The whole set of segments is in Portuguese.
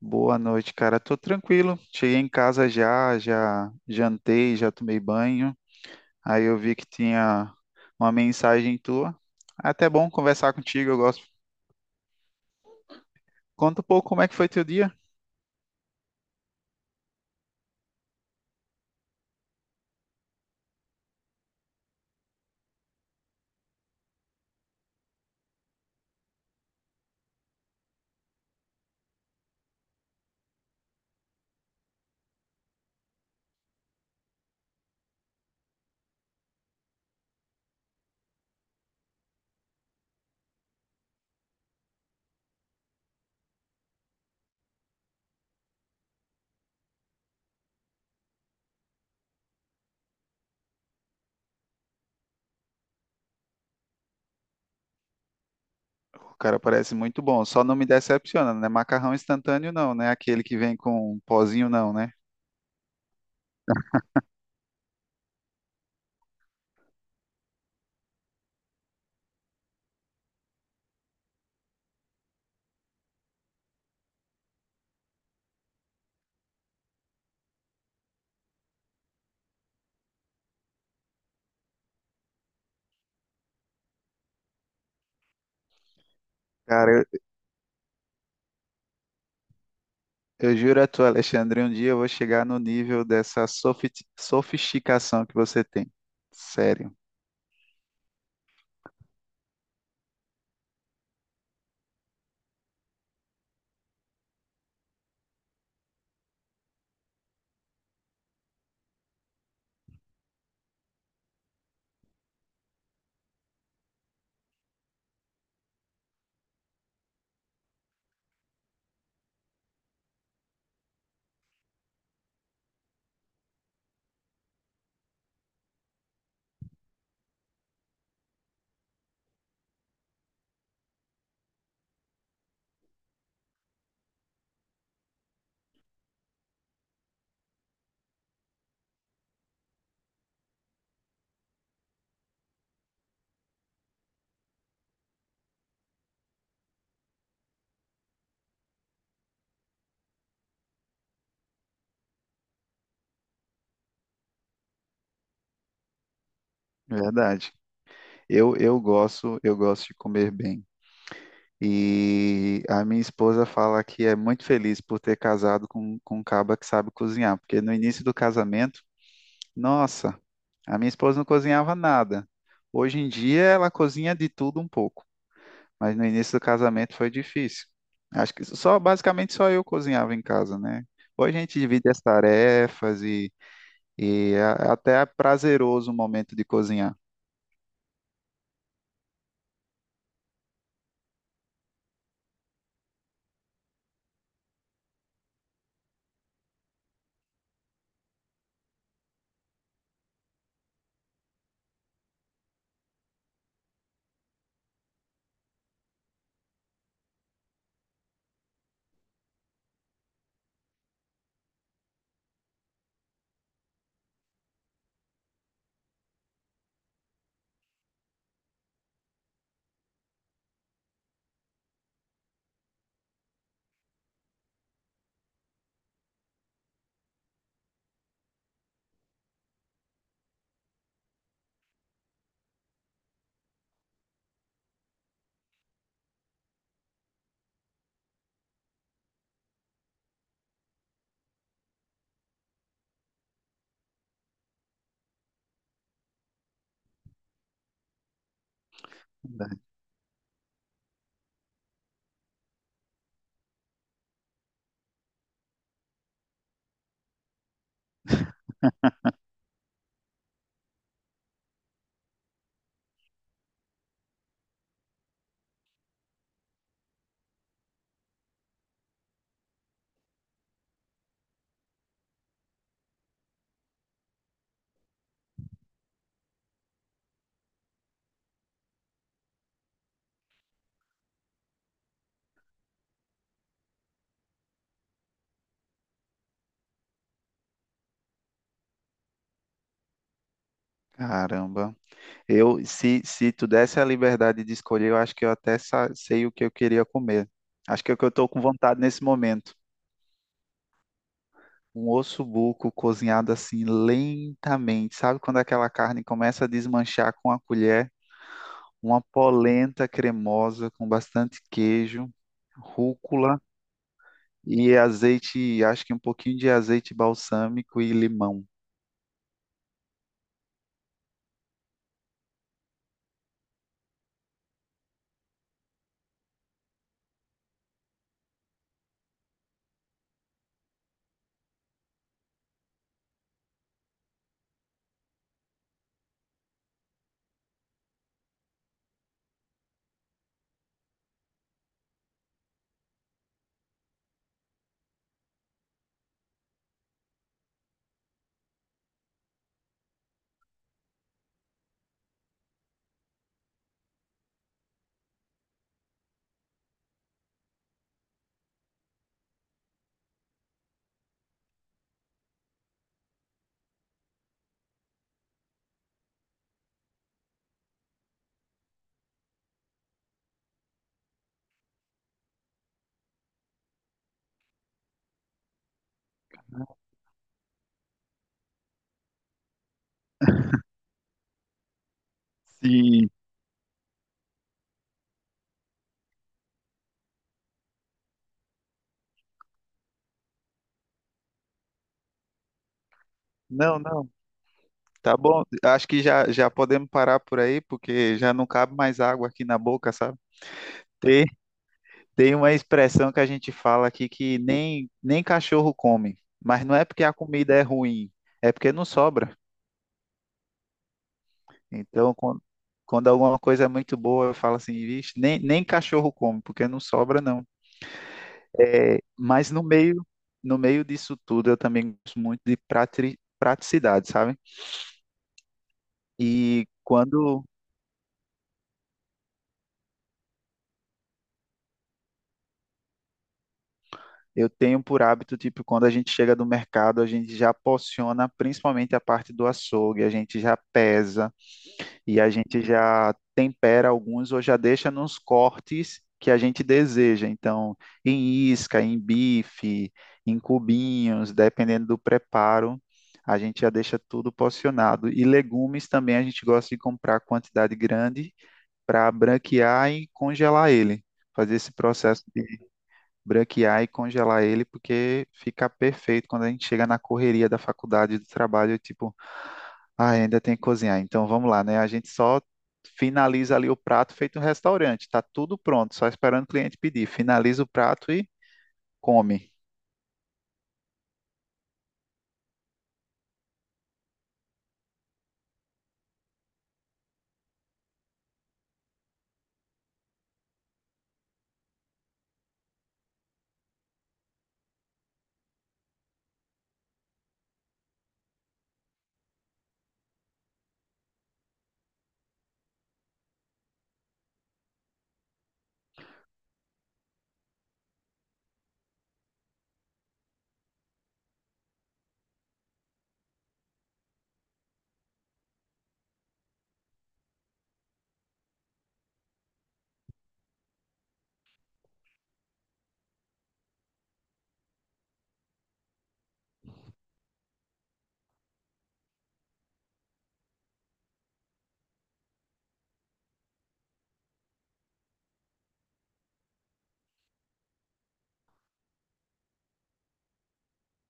Boa noite, cara. Tô tranquilo. Cheguei em casa já, já jantei, já tomei banho. Aí eu vi que tinha uma mensagem tua. É até bom conversar contigo, eu gosto. Conta um pouco como é que foi teu dia. O cara parece muito bom. Só não me decepciona, né? Macarrão instantâneo não, né? Aquele que vem com um pozinho não, né? Cara, eu juro a tu, Alexandre, um dia eu vou chegar no nível dessa sofisticação que você tem. Sério, verdade. Eu gosto de comer bem. E a minha esposa fala que é muito feliz por ter casado com um caba que sabe cozinhar, porque no início do casamento, nossa, a minha esposa não cozinhava nada. Hoje em dia ela cozinha de tudo um pouco, mas no início do casamento foi difícil. Acho que só, basicamente só eu cozinhava em casa, né? Hoje a gente divide as tarefas e até é prazeroso o momento de cozinhar. Caramba. Eu, se tu desse a liberdade de escolher, eu acho que eu até sei o que eu queria comer. Acho que é o que eu estou com vontade nesse momento. Um osso buco cozinhado assim lentamente. Sabe quando aquela carne começa a desmanchar com a colher? Uma polenta cremosa com bastante queijo, rúcula e azeite, acho que um pouquinho de azeite balsâmico e limão. Sim. Não, não. Tá bom. Acho que já podemos parar por aí, porque já não cabe mais água aqui na boca, sabe? Tem, tem uma expressão que a gente fala aqui que nem, nem cachorro come, mas não é porque a comida é ruim, é porque não sobra. Então, quando alguma coisa é muito boa, eu falo assim, vixe, nem, nem cachorro come, porque não sobra, não. É, mas no meio disso tudo, eu também gosto muito de praticidade, sabe? E quando eu tenho por hábito, tipo, quando a gente chega do mercado, a gente já porciona principalmente a parte do açougue, a gente já pesa. E a gente já tempera alguns ou já deixa nos cortes que a gente deseja. Então, em isca, em bife, em cubinhos, dependendo do preparo, a gente já deixa tudo porcionado. E legumes também a gente gosta de comprar quantidade grande para branquear e congelar ele, fazer esse processo, branquear e congelar ele, porque fica perfeito quando a gente chega na correria da faculdade, do trabalho, tipo, ai, ainda tem que cozinhar. Então vamos lá, né? A gente só finaliza ali o prato feito um restaurante, tá tudo pronto, só esperando o cliente pedir. Finaliza o prato e come.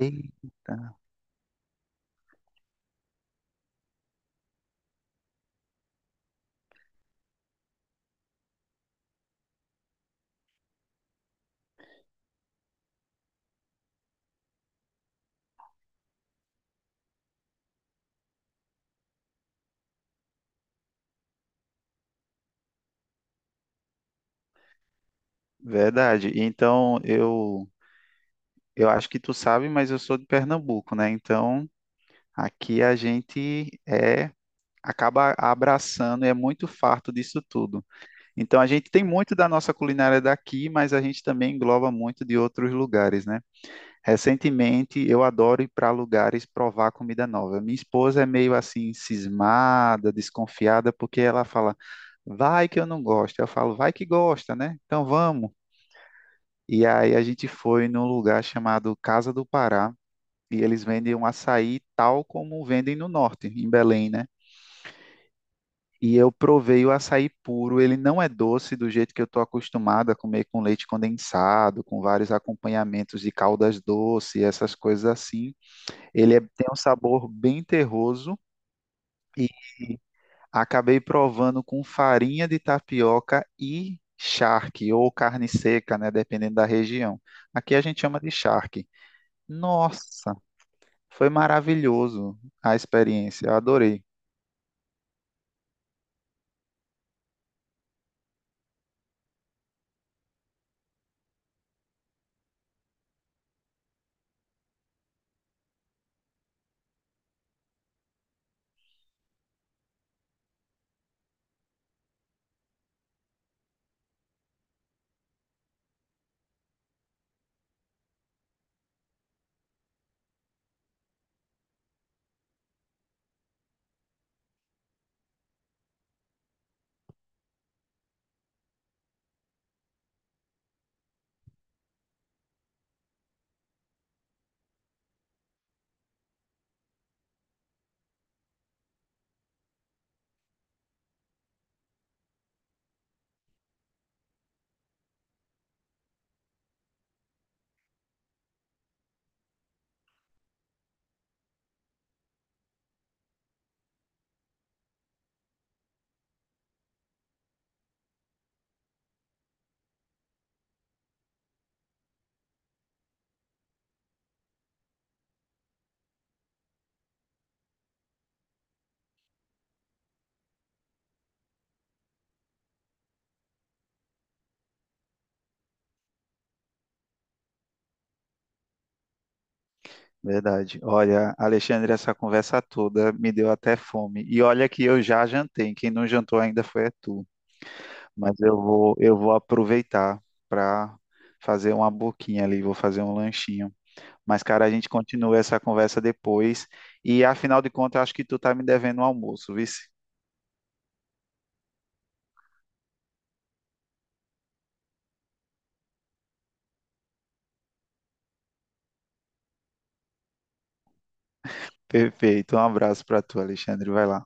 Eita, verdade. Então eu acho que tu sabe, mas eu sou de Pernambuco, né? Então aqui a gente é acaba abraçando, e é muito farto disso tudo. Então a gente tem muito da nossa culinária daqui, mas a gente também engloba muito de outros lugares, né? Recentemente eu adoro ir para lugares provar comida nova. Minha esposa é meio assim cismada, desconfiada, porque ela fala: "Vai que eu não gosto". Eu falo: "Vai que gosta, né? Então vamos". E aí a gente foi num lugar chamado Casa do Pará. E eles vendem um açaí tal como vendem no norte, em Belém, né? E eu provei o açaí puro. Ele não é doce do jeito que eu estou acostumado a comer com leite condensado, com vários acompanhamentos de caldas doce, essas coisas assim. Tem um sabor bem terroso e acabei provando com farinha de tapioca e charque, ou carne seca, né? Dependendo da região. Aqui a gente chama de charque. Nossa, foi maravilhoso a experiência. Eu adorei. Verdade. Olha, Alexandre, essa conversa toda me deu até fome. E olha que eu já jantei. Quem não jantou ainda foi é tu. Mas eu vou aproveitar para fazer uma boquinha ali, vou fazer um lanchinho. Mas, cara, a gente continua essa conversa depois. E afinal de contas, acho que tu tá me devendo um almoço, vice. Perfeito. Um abraço para tu, Alexandre. Vai lá.